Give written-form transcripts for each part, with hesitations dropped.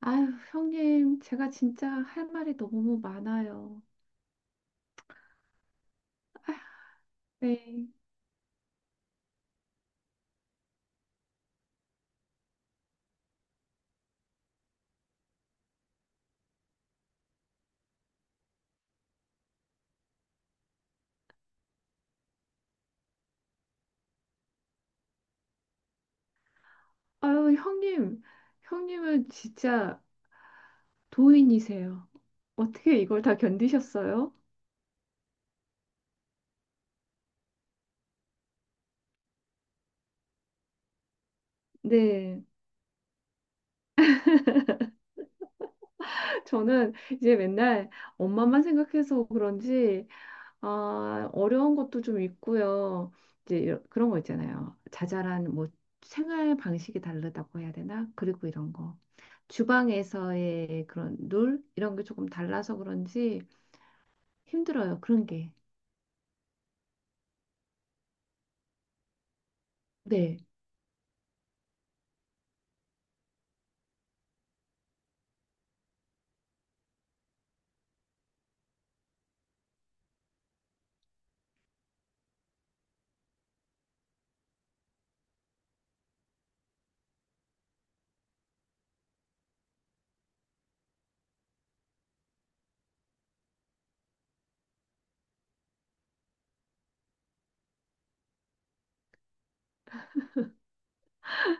아유, 형님, 제가 진짜 할 말이 너무 많아요. 네. 아유, 형님, 형님은 진짜 도인이세요. 어떻게 이걸 다 견디셨어요? 네. 저는 이제 맨날 엄마만 생각해서 그런지, 아, 어려운 것도 좀 있고요. 이제 그런 거 있잖아요. 자잘한 뭐 생활 방식이 다르다고 해야 되나? 그리고 이런 거. 주방에서의 그런 룰? 이런 게 조금 달라서 그런지, 힘들어요. 그런 게. 네.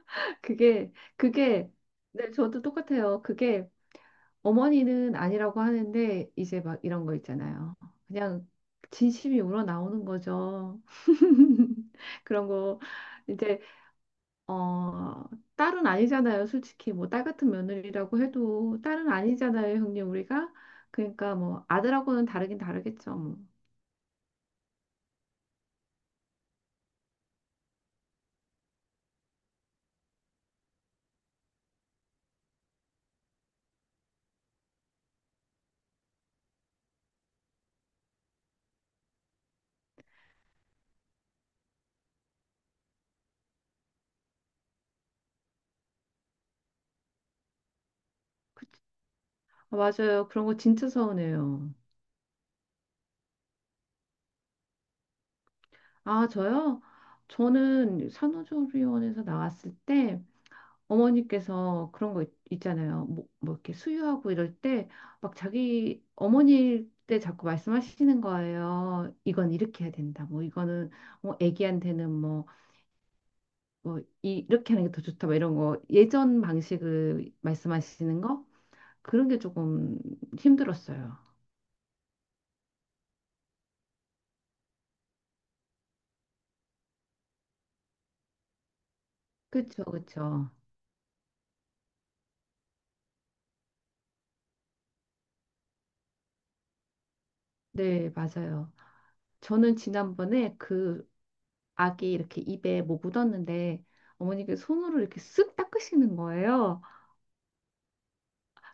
그게, 그게, 네, 저도 똑같아요. 그게 어머니는 아니라고 하는데, 이제 막 이런 거 있잖아요. 그냥 진심이 우러나오는 거죠. 그런 거, 이제, 어, 딸은 아니잖아요. 솔직히, 뭐, 딸 같은 며느리라고 해도, 딸은 아니잖아요, 형님, 우리가. 그러니까 뭐, 아들하고는 다르긴 다르겠죠. 뭐. 아, 맞아요. 그런 거 진짜 서운해요. 아, 저요? 저는 산후조리원에서 나왔을 때 어머니께서 그런 거 있잖아요. 뭐 이렇게 수유하고 이럴 때 막 자기 어머니 때 자꾸 말씀하시는 거예요. 이건 이렇게 해야 된다. 뭐 이거는 뭐 애기한테는 뭐, 뭐 이렇게 하는 게 더 좋다. 뭐 이런 거 예전 방식을 말씀하시는 거. 그런 게 조금 힘들었어요. 그쵸, 그쵸. 네, 맞아요. 저는 지난번에 그 악이 이렇게 입에 뭐 묻었는데 어머니께 손으로 이렇게 쓱 닦으시는 거예요.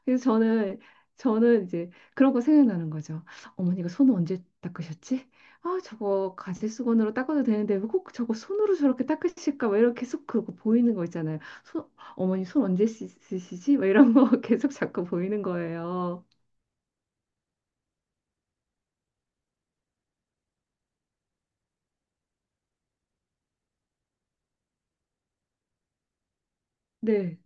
그래서 저는 이제 그런 거 생각나는 거죠. 어머니가 손을 언제 닦으셨지? 아, 저거 가지수건으로 닦아도 되는데 왜 꼭 저거 손으로 저렇게 닦으실까? 막 이렇게 계속 그러고 보이는 거 있잖아요. 손, 어머니 손 언제 씻으시지? 막 이런 거 계속 자꾸 보이는 거예요. 네.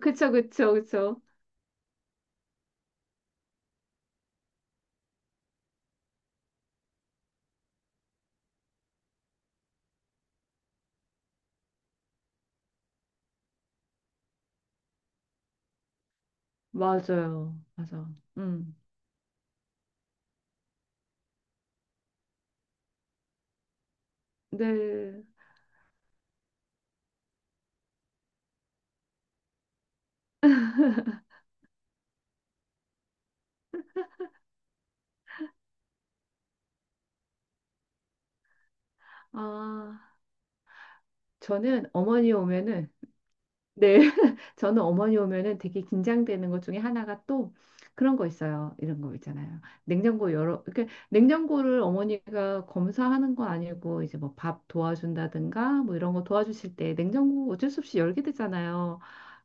그쵸, 그쵸, 그쵸. 맞아요. 맞아. 음. 네. 아, 저는 어머니 오면은. 네, 저는 어머니 오면은 되게 긴장되는 것 중에 하나가 또 그런 거 있어요. 이런 거 있잖아요. 냉장고 열어, 이렇게 냉장고를 어머니가 검사하는 건 아니고 이제 뭐 밥 도와준다든가 뭐 이런 거 도와주실 때 냉장고 어쩔 수 없이 열게 되잖아요.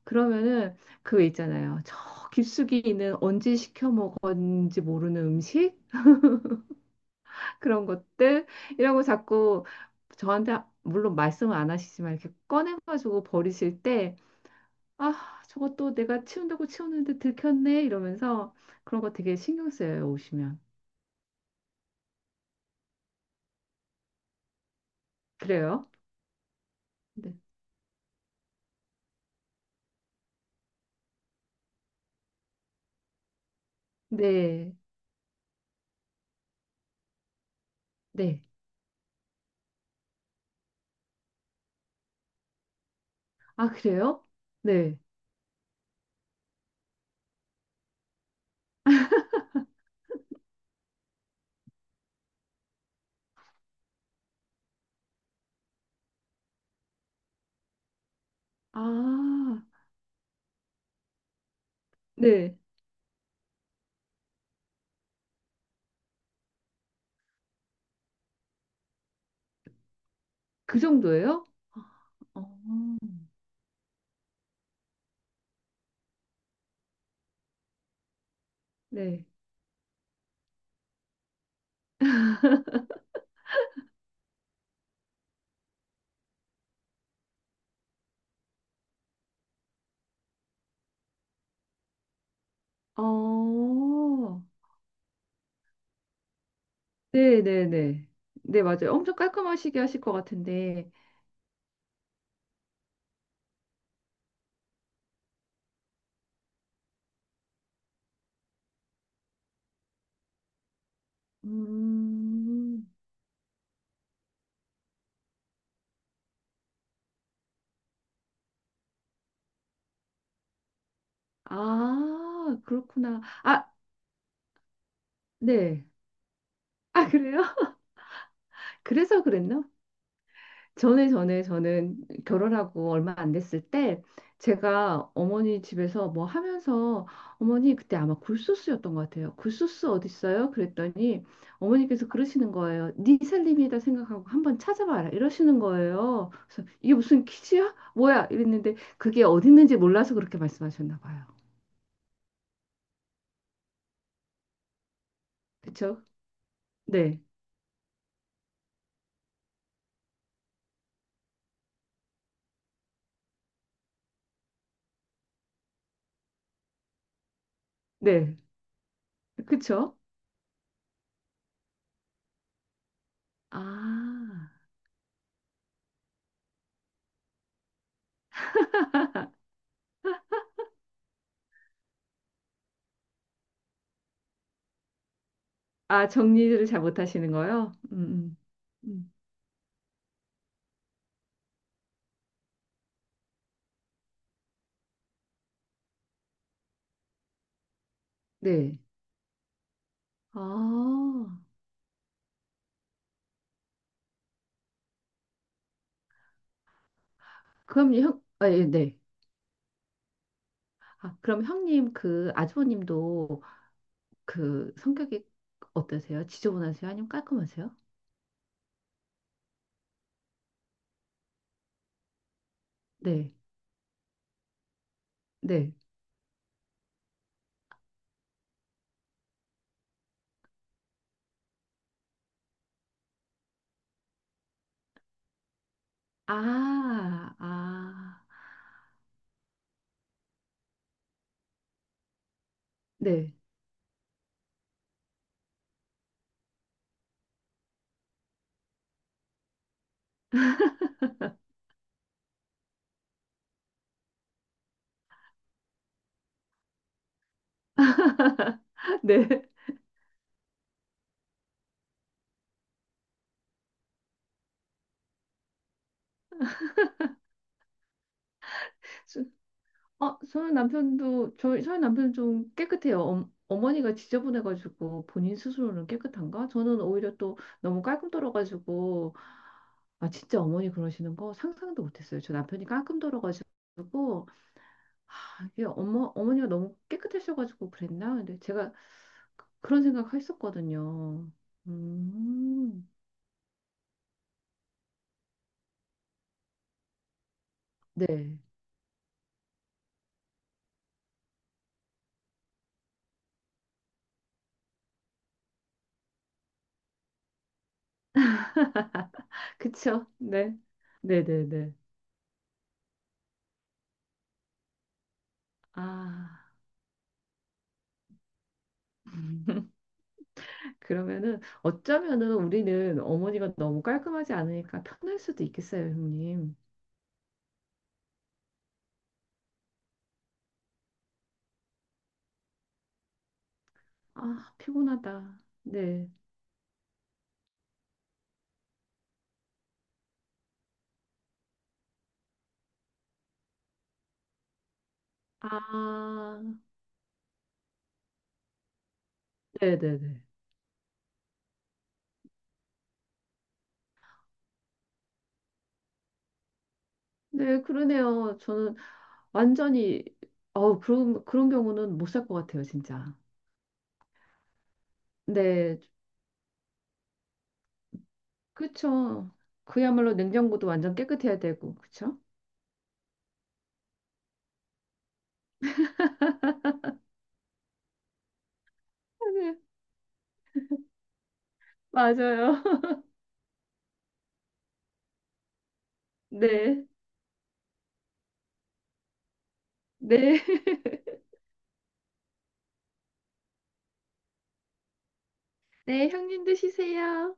그러면은 그거 있잖아요. 저 깊숙이 있는 언제 시켜 먹었는지 모르는 음식 그런 것들 이라고 자꾸 저한테 물론 말씀을 안 하시지만 이렇게 꺼내가지고 버리실 때 아, 저것도 내가 치운다고 치웠는데 들켰네 이러면서 그런 거 되게 신경 쓰여요, 오시면. 그래요? 네. 네. 네. 아, 그래요? 네. 아, 네. 그 정도예요? 아, 어, 네. 어, 네, 네, 네. 네, 맞아요. 엄청 깔끔하시게 하실 것 같은데. 음, 아, 그렇구나. 아, 네. 아, 그래요? 그래서 그랬나? 전에 저는 결혼하고 얼마 안 됐을 때 제가 어머니 집에서 뭐 하면서, 어머니 그때 아마 굴소스였던 것 같아요. 굴소스 어디 있어요? 그랬더니 어머니께서 그러시는 거예요. 네 살림이다 생각하고 한번 찾아봐라 이러시는 거예요. 그래서 이게 무슨 퀴즈야? 뭐야? 이랬는데 그게 어디 있는지 몰라서 그렇게 말씀하셨나 봐요. 그쵸? 네, 네, 그쵸? 아, 아 정리를 잘 못하시는 거요? 음. 네. 아, 아, 예, 네. 아, 그럼 형님 그 아주버님도 그 성격이 어떠세요? 지저분하세요? 아니면 깔끔하세요? 네, 네. 아, 아, 네, 네. 수- 어, 저희 남편도 저희 남편 좀 깨끗해요. 어, 어머니가 지저분해가지고 본인 스스로는 깨끗한가? 저는 오히려 또 너무 깔끔 떨어가지고. 아 진짜 어머니 그러시는 거 상상도 못했어요. 저 남편이 깔끔 떨어가지고. 아, 이게 어머니가 너무 깨끗하셔가지고 그랬나? 근데 제가 그런 생각 했었거든요. 음, 네. 그쵸? 네. 네네네. 아, 그러면은 어쩌면은 우리는 어머니가 너무 깔끔하지 않으니까 편할 수도 있겠어요, 형님. 아, 피곤하다. 네. 아, 네네네. 네, 그러네요. 저는 완전히, 어, 그런 경우는 못 살 것 같아요, 진짜. 네, 그쵸. 그야말로 냉장고도 완전 깨끗해야 되고, 그쵸? 네, 맞아요. 네, 네, 네, 형님도 쉬세요.